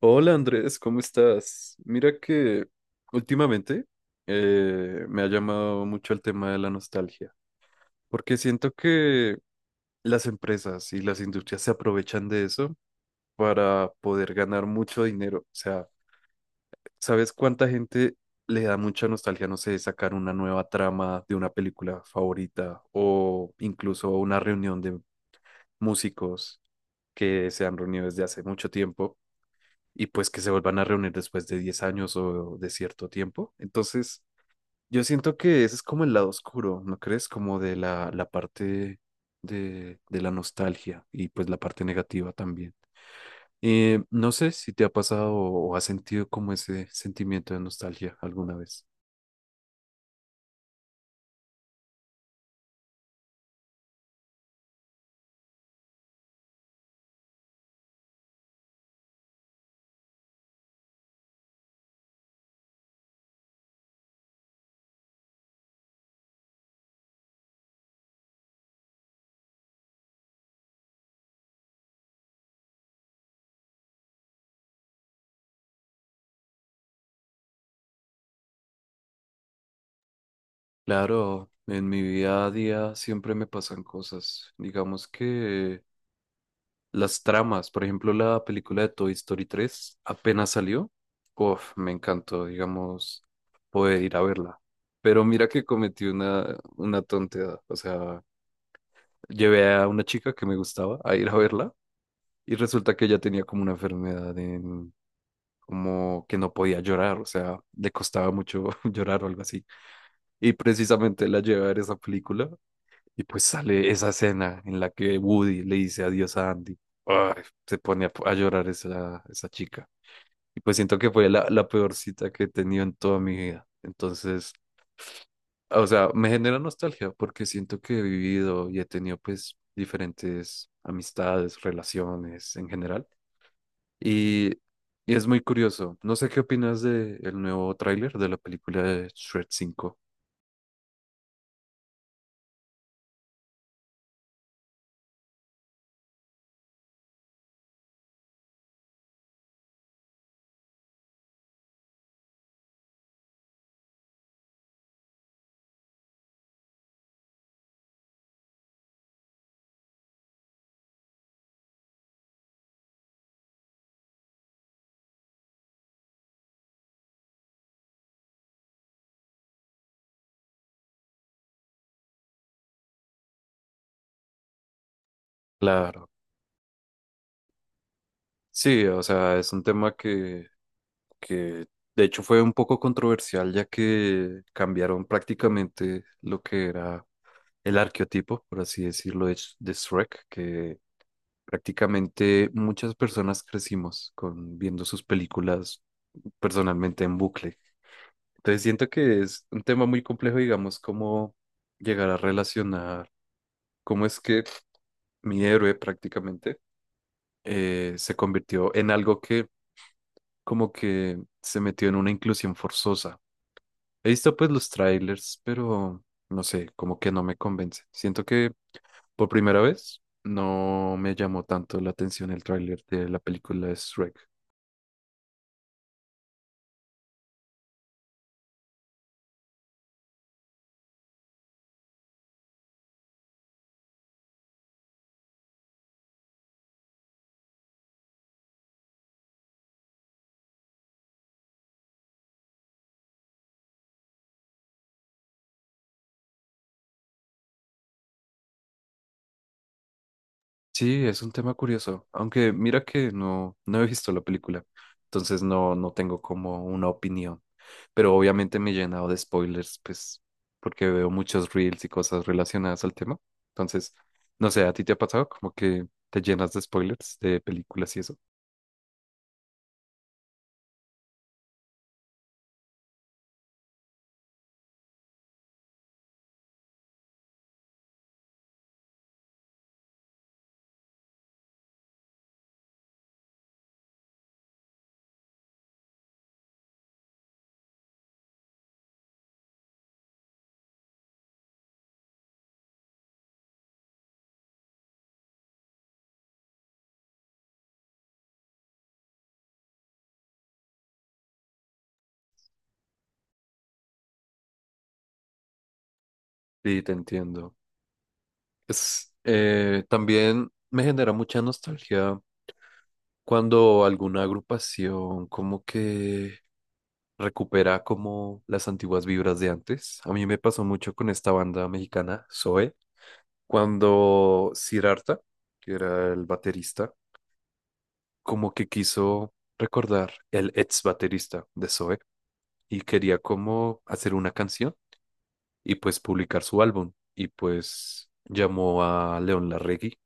Hola Andrés, ¿cómo estás? Mira que últimamente me ha llamado mucho el tema de la nostalgia, porque siento que las empresas y las industrias se aprovechan de eso para poder ganar mucho dinero. O sea, ¿sabes cuánta gente le da mucha nostalgia, no sé, sacar una nueva trama de una película favorita o incluso una reunión de músicos que se han reunido desde hace mucho tiempo? Y pues que se vuelvan a reunir después de 10 años o de cierto tiempo. Entonces, yo siento que ese es como el lado oscuro, ¿no crees? Como de la parte de la nostalgia y pues la parte negativa también. No sé si te ha pasado o has sentido como ese sentimiento de nostalgia alguna vez. Claro, en mi vida a día siempre me pasan cosas. Digamos que las tramas, por ejemplo, la película de Toy Story 3 apenas salió. Uf, me encantó, digamos, poder ir a verla. Pero mira que cometí una tontería. O sea, llevé a una chica que me gustaba a ir a verla y resulta que ella tenía como una enfermedad en, como que no podía llorar, o sea, le costaba mucho llorar o algo así. Y precisamente la llevé a ver esa película y pues sale esa escena en la que Woody le dice adiós a Andy. Ay, se pone a llorar esa chica. Y pues siento que fue la peor cita que he tenido en toda mi vida. Entonces, o sea, me genera nostalgia porque siento que he vivido y he tenido pues diferentes amistades, relaciones en general. Y, y es muy curioso. No sé qué opinas de el nuevo tráiler de la película de Shrek 5. Claro. Sí, o sea, es un tema que de hecho fue un poco controversial ya que cambiaron prácticamente lo que era el arqueotipo, por así decirlo, de, de Shrek, que prácticamente muchas personas crecimos con viendo sus películas personalmente en bucle. Entonces siento que es un tema muy complejo, digamos, cómo llegar a relacionar cómo es que mi héroe prácticamente se convirtió en algo que como que se metió en una inclusión forzosa. He visto pues los trailers, pero no sé, como que no me convence. Siento que por primera vez no me llamó tanto la atención el tráiler de la película de Shrek. Sí, es un tema curioso, aunque mira que no, no he visto la película, entonces no, no tengo como una opinión, pero obviamente me he llenado de spoilers, pues porque veo muchos reels y cosas relacionadas al tema. Entonces, no sé, ¿a ti te ha pasado como que te llenas de spoilers de películas y eso? Sí, te entiendo. Es, también me genera mucha nostalgia cuando alguna agrupación como que recupera como las antiguas vibras de antes. A mí me pasó mucho con esta banda mexicana, Zoe, cuando Sirarta, que era el baterista, como que quiso recordar el ex baterista de Zoe y quería como hacer una canción y pues publicar su álbum y pues llamó a León Larregui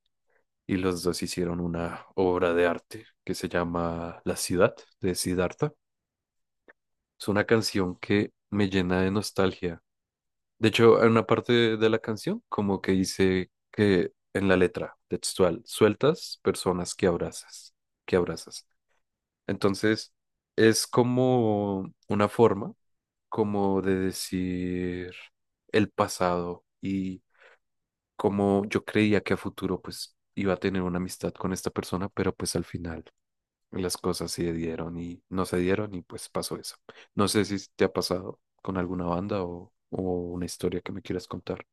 y los dos hicieron una obra de arte que se llama La ciudad de Siddhartha. Es una canción que me llena de nostalgia. De hecho, en una parte de la canción como que dice que en la letra textual, sueltas personas que abrazas, que abrazas. Entonces, es como una forma como de decir el pasado y como yo creía que a futuro pues iba a tener una amistad con esta persona, pero pues al final las cosas se dieron y no se dieron y pues pasó eso. No sé si te ha pasado con alguna banda o una historia que me quieras contar.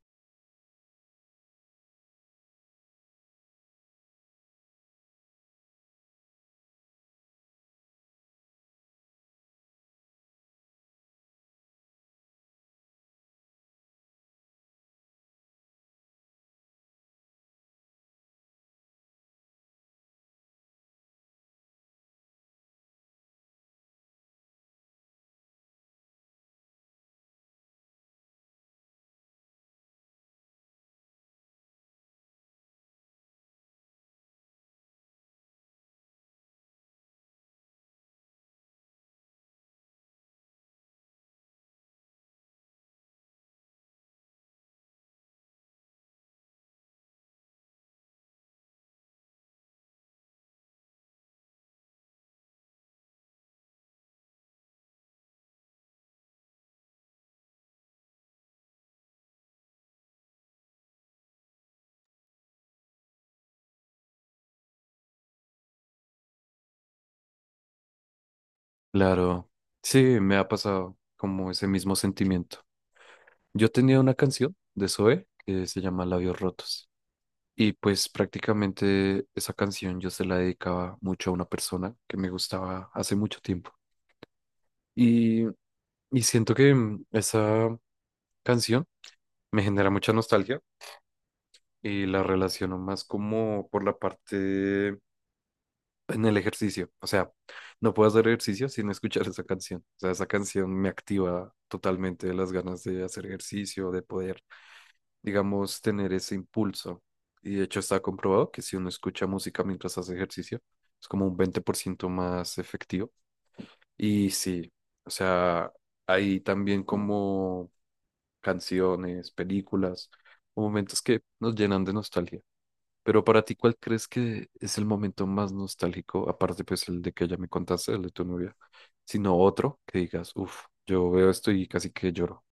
Claro, sí, me ha pasado como ese mismo sentimiento. Yo tenía una canción de Zoe que se llama Labios Rotos y pues prácticamente esa canción yo se la dedicaba mucho a una persona que me gustaba hace mucho tiempo y, y siento que esa canción me genera mucha nostalgia y la relaciono más como por la parte en el ejercicio. O sea, no puedo hacer ejercicio sin escuchar esa canción. O sea, esa canción me activa totalmente las ganas de hacer ejercicio, de poder, digamos, tener ese impulso. Y de hecho está comprobado que si uno escucha música mientras hace ejercicio, es como un 20% más efectivo. Y sí, o sea, hay también como canciones, películas, o momentos que nos llenan de nostalgia. Pero para ti, ¿cuál crees que es el momento más nostálgico, aparte pues el de que ya me contaste, el de tu novia, sino otro que digas, uff, yo veo esto y casi que lloro?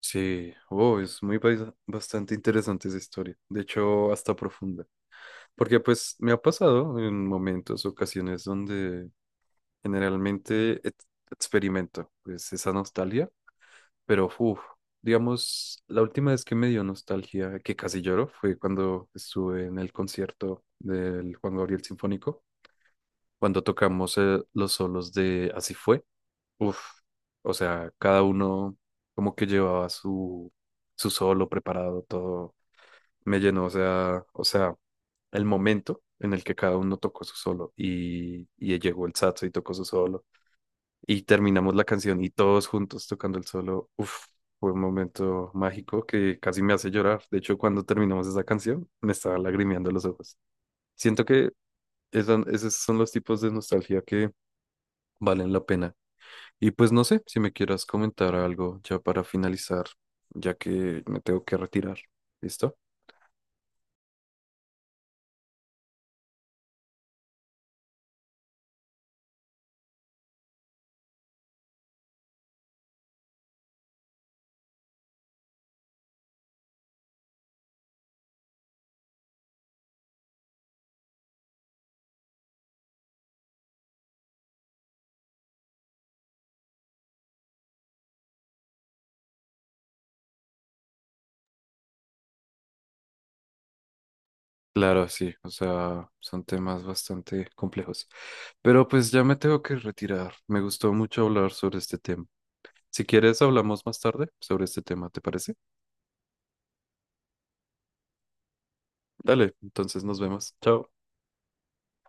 Sí, oh, es muy bastante interesante esa historia, de hecho hasta profunda, porque pues me ha pasado en momentos, ocasiones donde generalmente experimento pues esa nostalgia. Pero, uff, digamos, la última vez que me dio nostalgia, que casi lloro, fue cuando estuve en el concierto del Juan Gabriel Sinfónico, cuando tocamos los solos de Así fue. Uff, o sea, cada uno como que llevaba su solo preparado, todo me llenó, o sea, el momento en el que cada uno tocó su solo y llegó el saxo y tocó su solo y terminamos la canción y todos juntos tocando el solo. Uf, fue un momento mágico que casi me hace llorar. De hecho, cuando terminamos esa canción, me estaba lagrimeando los ojos. Siento que esos son los tipos de nostalgia que valen la pena. Y pues no sé si me quieras comentar algo ya para finalizar, ya que me tengo que retirar. ¿Listo? Claro, sí, o sea, son temas bastante complejos. Pero pues ya me tengo que retirar. Me gustó mucho hablar sobre este tema. Si quieres, hablamos más tarde sobre este tema, ¿te parece? Dale, entonces nos vemos. Chao.